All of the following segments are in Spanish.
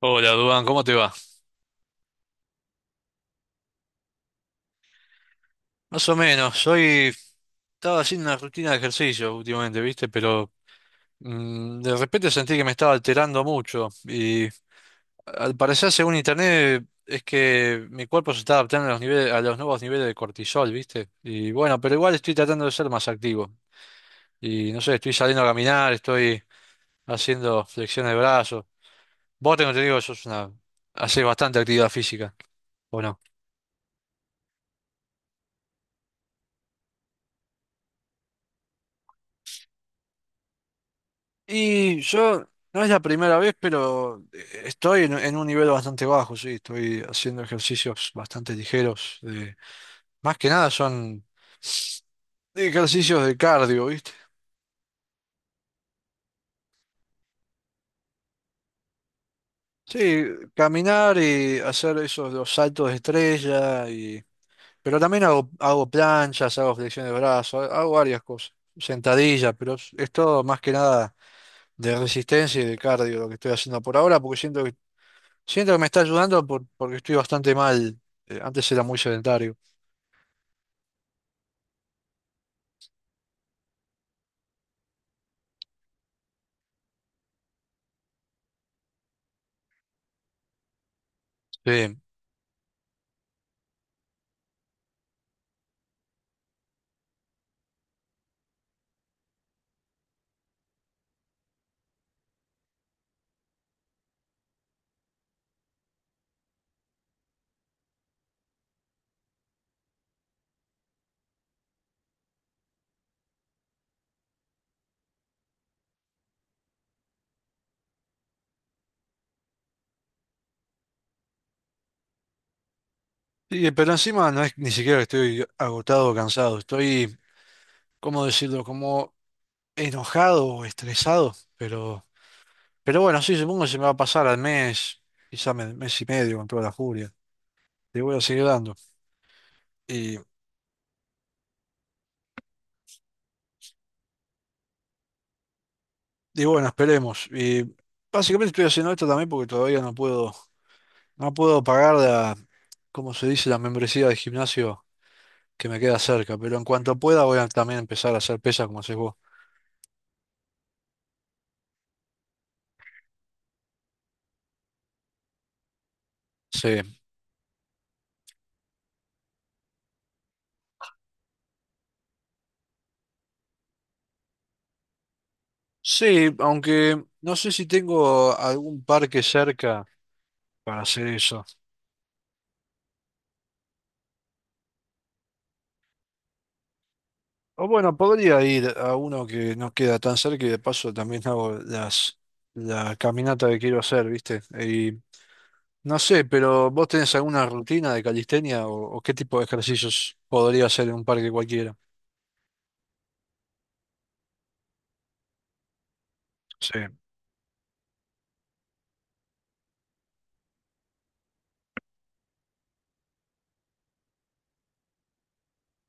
Hola, Duván, ¿cómo te va? Más o menos, hoy estaba haciendo una rutina de ejercicio últimamente, ¿viste? Pero de repente sentí que me estaba alterando mucho y al parecer, según internet, es que mi cuerpo se está adaptando a los niveles, a los nuevos niveles de cortisol, ¿viste? Y bueno, pero igual estoy tratando de ser más activo. Y no sé, estoy saliendo a caminar, estoy haciendo flexiones de brazos. Vos tengo entendido que haces bastante actividad física, ¿o no? Y yo, no es la primera vez, pero estoy en un nivel bastante bajo, sí, estoy haciendo ejercicios bastante ligeros. Más que nada son ejercicios de cardio, ¿viste? Sí, caminar y hacer esos los saltos de estrella, y, pero también hago, hago planchas, hago flexiones de brazos, hago varias cosas, sentadillas, pero es todo más que nada de resistencia y de cardio lo que estoy haciendo por ahora, porque siento que me está ayudando porque estoy bastante mal. Antes era muy sedentario. Sí. Sí, pero encima no es ni siquiera que estoy agotado o cansado. Estoy, ¿cómo decirlo? Como enojado o estresado. Pero bueno, sí, supongo que se me va a pasar al mes, quizá mes y medio con toda la furia. Le voy a seguir dando. Y, y bueno, esperemos. Y básicamente estoy haciendo esto también porque todavía no puedo, no puedo pagar la, ¿cómo se dice? La membresía de gimnasio que me queda cerca, pero en cuanto pueda voy a también empezar a hacer pesas como haces vos. Sí, sí, aunque no sé si tengo algún parque cerca para hacer eso. O bueno, podría ir a uno que no queda tan cerca y de paso también hago las la caminata que quiero hacer, ¿viste? Y no sé, pero ¿vos tenés alguna rutina de calistenia o qué tipo de ejercicios podría hacer en un parque cualquiera? Sí.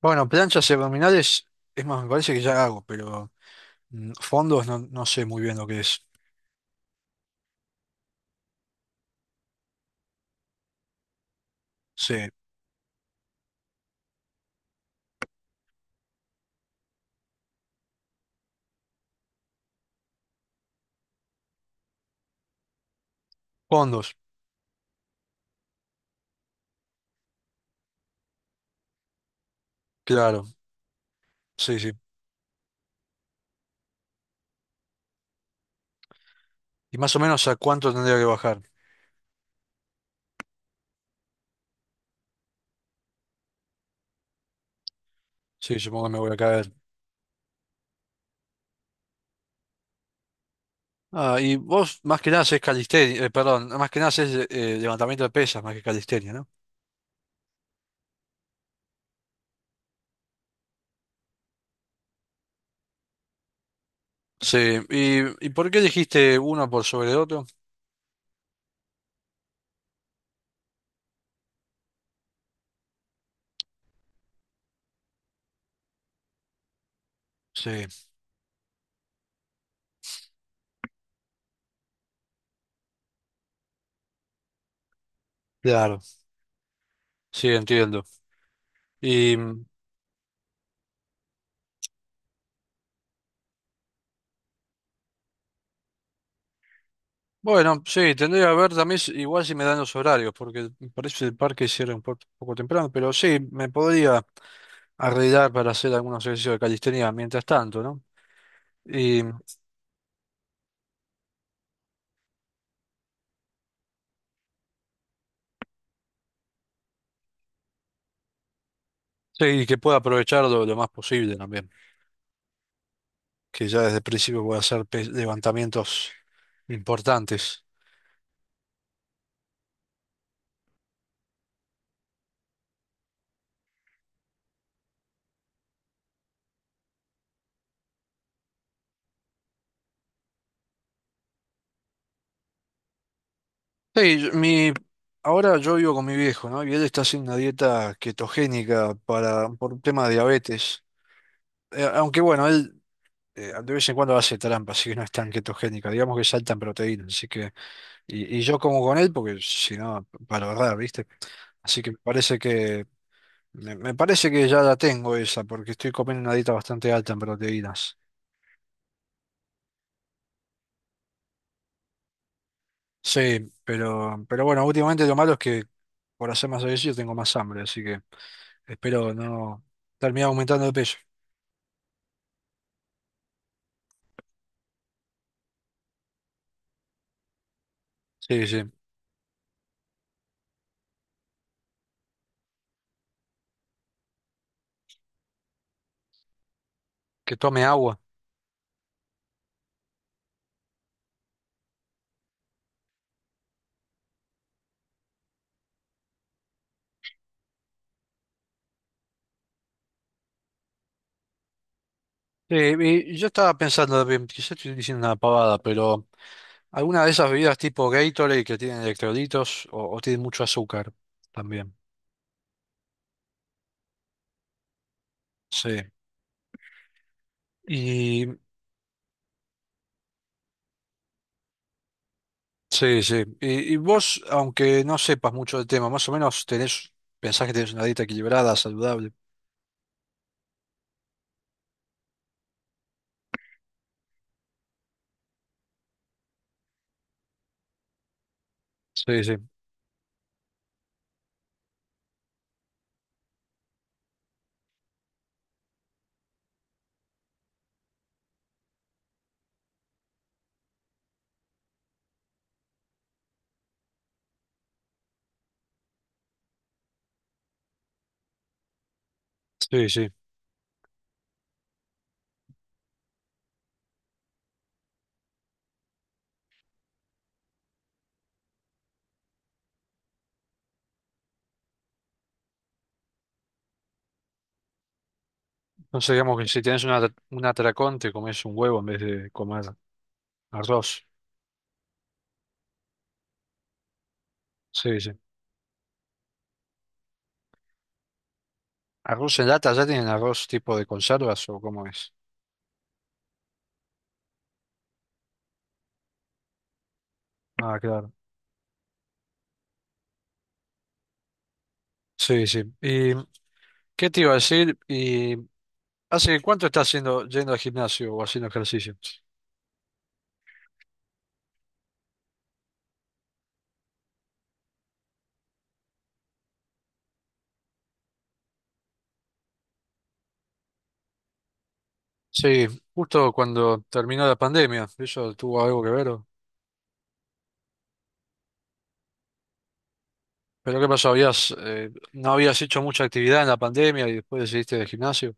Bueno, planchas y abdominales, es más, me parece que ya hago, pero fondos no, no sé muy bien lo que es. Sí, fondos, claro, sí, sí. ¿Y más o menos a cuánto tendría que bajar? Sí, supongo que me voy a caer. Ah, y vos más que nada haces calistenia, más que nada haces levantamiento de pesas más que calistenia, ¿no? Sí, ¿ y por qué dijiste uno por sobre otro? Sí, claro, sí, entiendo. Y bueno, sí, tendría que ver también igual si me dan los horarios, porque parece que el parque cierra un poco temprano, pero sí, me podría arreglar para hacer algunos ejercicios de calistenia mientras tanto, ¿no? Sí, y que pueda aprovechar lo más posible también, que ya desde el principio pueda hacer levantamientos importantes. Sí, ahora yo vivo con mi viejo, ¿no? Y él está haciendo una dieta ketogénica para, por un tema de diabetes. Aunque bueno, él de vez en cuando hace trampa, así que no es tan ketogénica, digamos que saltan proteínas, así que, y yo como con él, porque si no, para verdad, ¿viste? Así que me parece que, me parece que ya la tengo esa, porque estoy comiendo una dieta bastante alta en proteínas. Sí, pero bueno, últimamente lo malo es que por hacer más ejercicio tengo más hambre, así que espero no terminar aumentando de peso. Sí, sí, que tome agua. Sí, y yo estaba pensando, bien, quizás estoy diciendo una pavada, pero alguna de esas bebidas tipo Gatorade que tienen electrolitos o tienen mucho azúcar también. Sí. Y sí, sí. Y vos, aunque no sepas mucho del tema, más o menos tenés, pensás que tenés una dieta equilibrada, saludable. Sí, sí, sí, sí. Entonces digamos que si tienes un atracón, te comes un huevo en vez de comer arroz. Sí, sí. ¿Arroz en lata? ¿Ya tienen arroz tipo de conservas o cómo es? Ah, claro. Sí, sí. ¿Y qué te iba a decir? ¿Y hace cuánto estás haciendo, yendo al gimnasio o haciendo ejercicio? Sí, justo cuando terminó la pandemia. ¿Eso tuvo algo que ver? ¿O? ¿Pero qué pasó? ¿Habías, no habías hecho mucha actividad en la pandemia y después decidiste el gimnasio?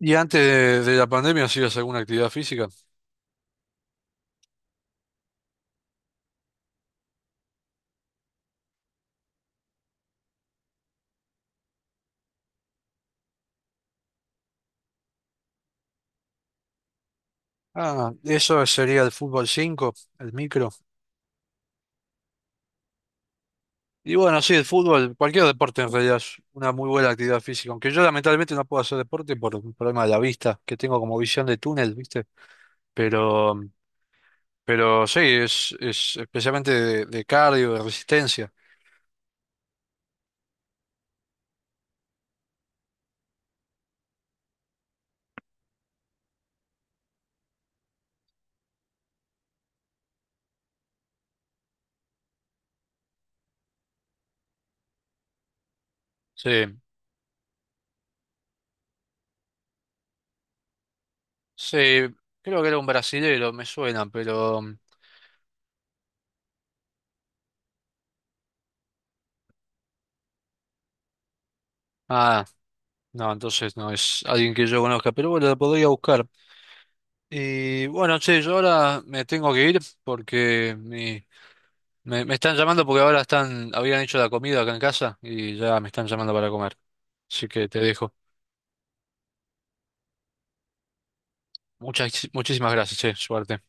¿Y antes de la pandemia hacías alguna actividad física? Ah, eso sería el fútbol 5, el micro. Y bueno, sí, el fútbol, cualquier deporte en realidad es una muy buena actividad física, aunque yo lamentablemente no puedo hacer deporte por un problema de la vista, que tengo como visión de túnel, ¿viste? Pero, pero sí, es especialmente de cardio, de resistencia. Sí, sí, creo que era un brasilero, me suena, pero... Ah, no, entonces no es alguien que yo conozca, pero bueno, lo podría buscar. Y bueno, che, yo ahora me tengo que ir porque mi me están llamando porque ahora están, habían hecho la comida acá en casa y ya me están llamando para comer. Así que te dejo. Muchas, muchísimas gracias, che, suerte.